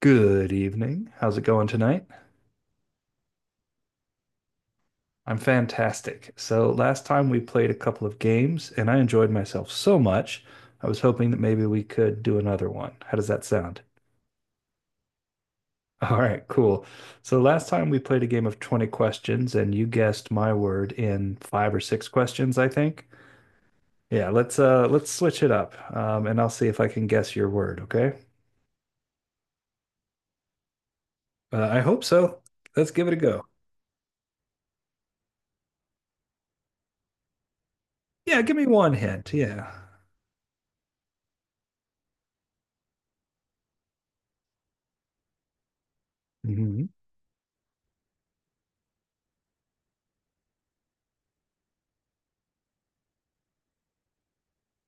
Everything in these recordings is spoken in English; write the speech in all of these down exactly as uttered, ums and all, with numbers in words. Good evening. How's it going tonight? I'm fantastic. So, last time we played a couple of games and I enjoyed myself so much. I was hoping that maybe we could do another one. How does that sound? All right, cool. So, last time we played a game of twenty questions and you guessed my word in five or six questions, I think. Yeah, let's uh let's switch it up. Um, and I'll see if I can guess your word, okay? Uh, I hope so. Let's give it a go. Yeah, give me one hint. Yeah. hmm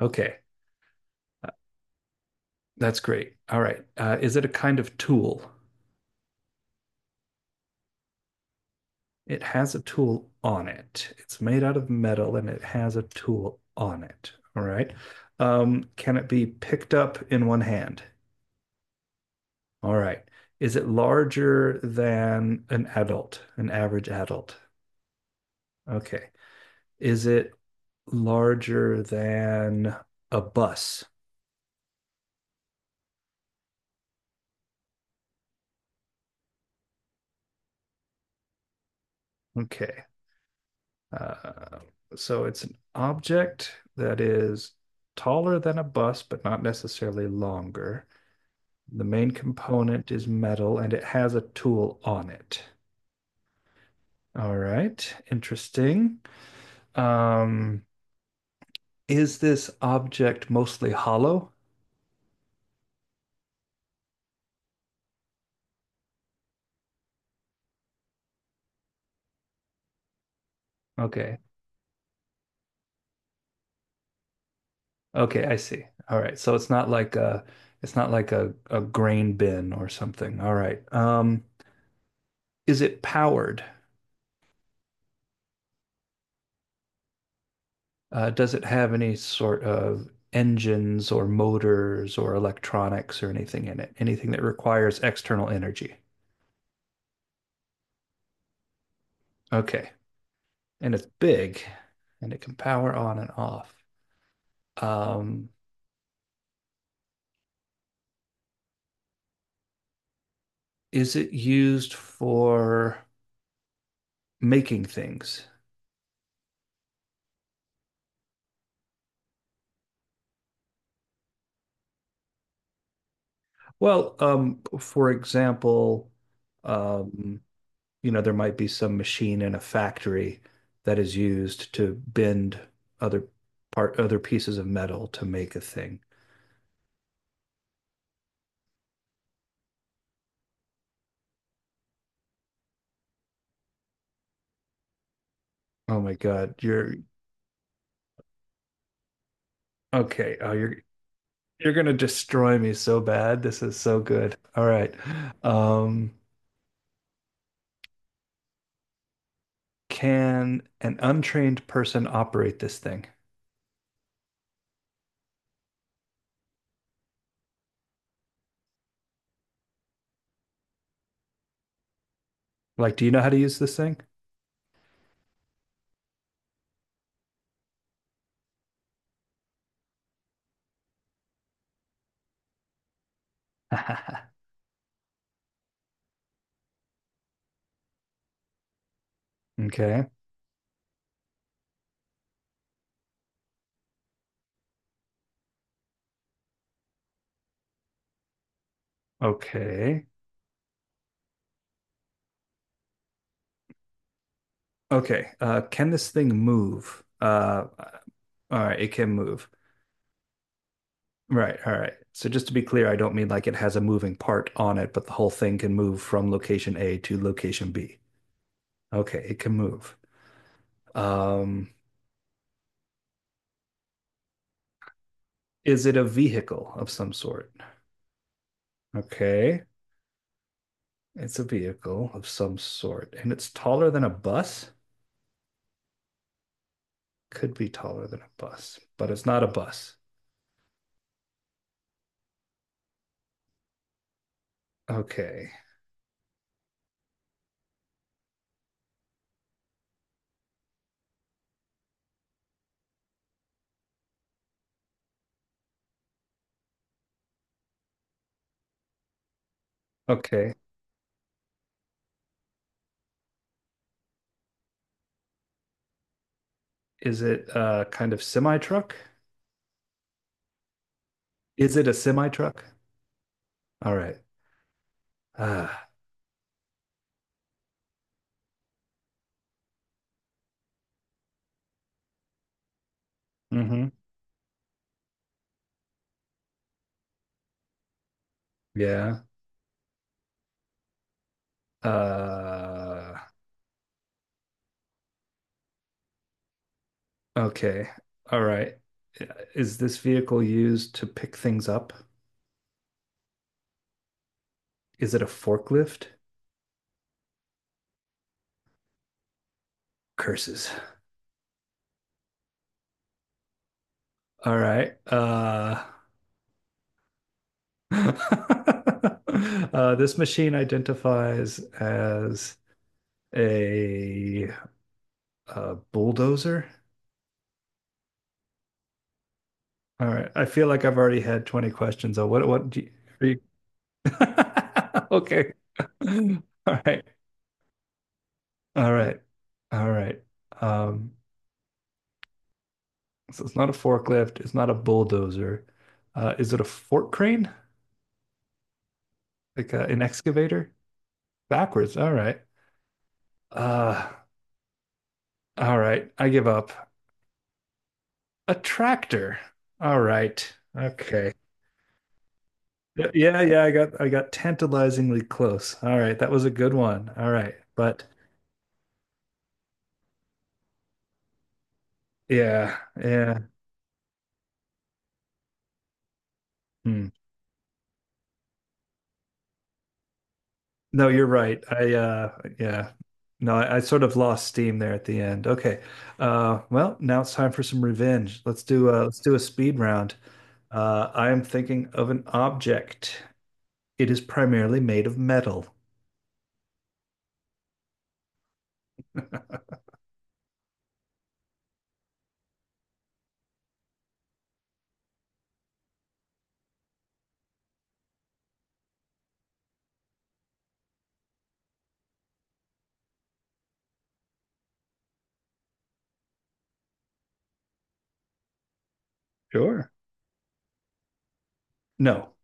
Okay. That's great. All right. Uh, is it a kind of tool? It has a tool on it. It's made out of metal and it has a tool on it. All right. Um, can it be picked up in one hand? All right. Is it larger than an adult, an average adult? Okay. Is it larger than a bus? Okay. Uh, so it's an object that is taller than a bus, but not necessarily longer. The main component is metal and it has a tool on it. All right, interesting. Um, is this object mostly hollow? Okay. Okay, I see. All right. So it's not like a it's not like a, a grain bin or something. All right. Um, is it powered? Uh, does it have any sort of engines or motors or electronics or anything in it? Anything that requires external energy? Okay. And it's big and it can power on and off. Um, is it used for making things? Well, um, for example, um, you know, there might be some machine in a factory that is used to bend other part, other pieces of metal to make a thing. Oh my God, you're okay. Oh, you're you're gonna destroy me so bad. This is so good. All right. Um, can an untrained person operate this thing? Like, do you know how to use this thing? Okay. Okay. Okay. Uh, can this thing move? Uh, all right, it can move. Right. All right. So just to be clear, I don't mean like it has a moving part on it, but the whole thing can move from location A to location B. Okay, it can move. Um, Is it a vehicle of some sort? Okay. It's a vehicle of some sort. And it's taller than a bus? Could be taller than a bus, but it's not a bus. Okay. Okay. Is it a kind of semi truck? Is it a semi truck? All right. Ah. Mm-hmm. Yeah. Uh, okay. All right. Is this vehicle used to pick things up? Is it a forklift? Curses. All right. Uh, Uh, this machine identifies as a, uh bulldozer. All right. I feel like I've already had twenty questions. Oh, what, what do you, are you... Okay. All right. All right. All right. Um, so it's not a forklift. It's not a bulldozer. Uh, is it a fork crane? Like uh, an excavator? Backwards. All right. Uh, all right. I give up. A tractor. All right. Okay. Yeah, yeah, I got I got tantalizingly close. All right, that was a good one. All right. But yeah, yeah. Hmm. No, you're right. I uh yeah. No, I, I sort of lost steam there at the end. Okay. Uh well, now it's time for some revenge. Let's do uh let's do a speed round. Uh I am thinking of an object. It is primarily made of metal. Sure. No.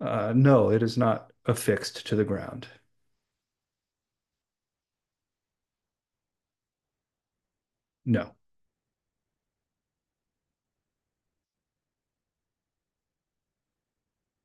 Uh, no, it is not affixed to the ground. No.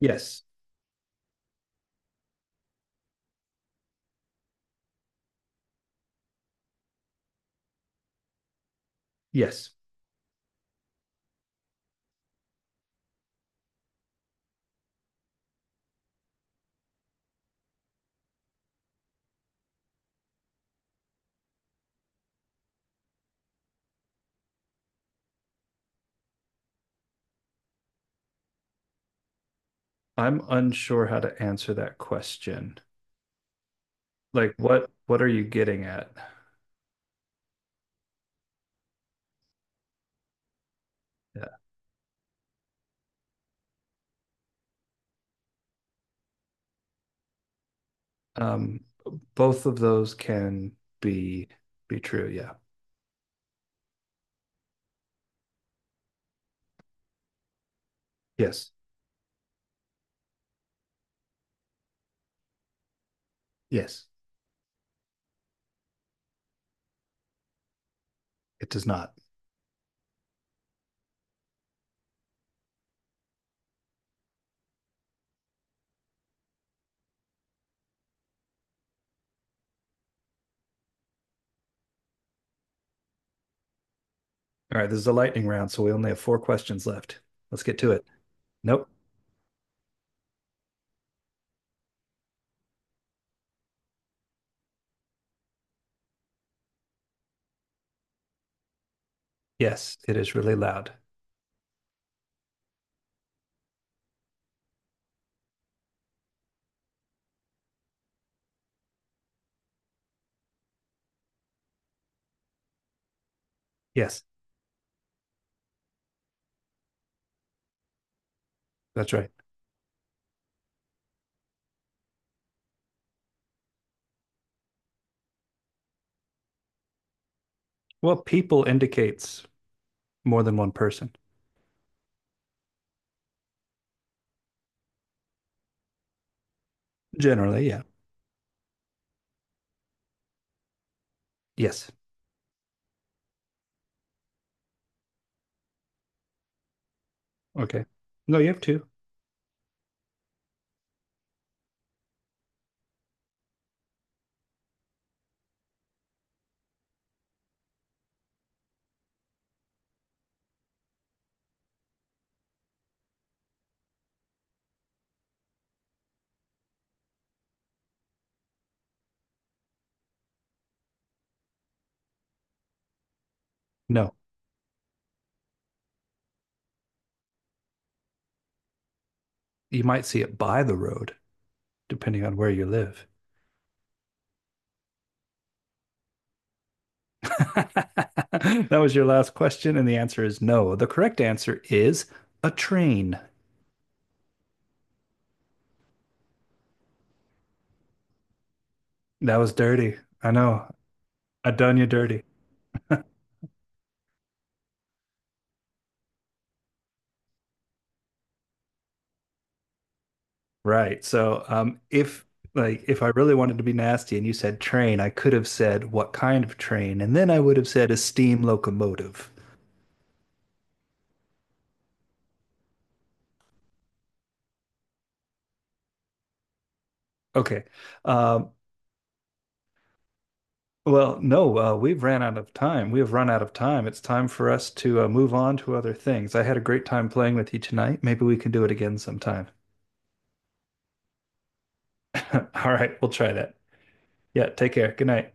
Yes. Yes. I'm unsure how to answer that question. Like what what are you getting at? Yeah. Um, both of those can be be true. Yeah. Yes. Yes. It does not. All right, this is a lightning round, so we only have four questions left. Let's get to it. Nope. Yes, it is really loud. Yes, that's right. Well, people indicates more than one person. Generally, yeah. Yes. Okay. No, you have two. No. You might see it by the road, depending on where you live. That was your last question, and the answer is no. The correct answer is a train. That was dirty. I know. I done you dirty. Right. So, um, if like if I really wanted to be nasty and you said train, I could have said what kind of train, and then I would have said a steam locomotive. Okay. Um, well, no, uh, we've ran out of time. We have run out of time. It's time for us to uh, move on to other things. I had a great time playing with you tonight. Maybe we can do it again sometime. All right, we'll try that. Yeah, take care. Good night.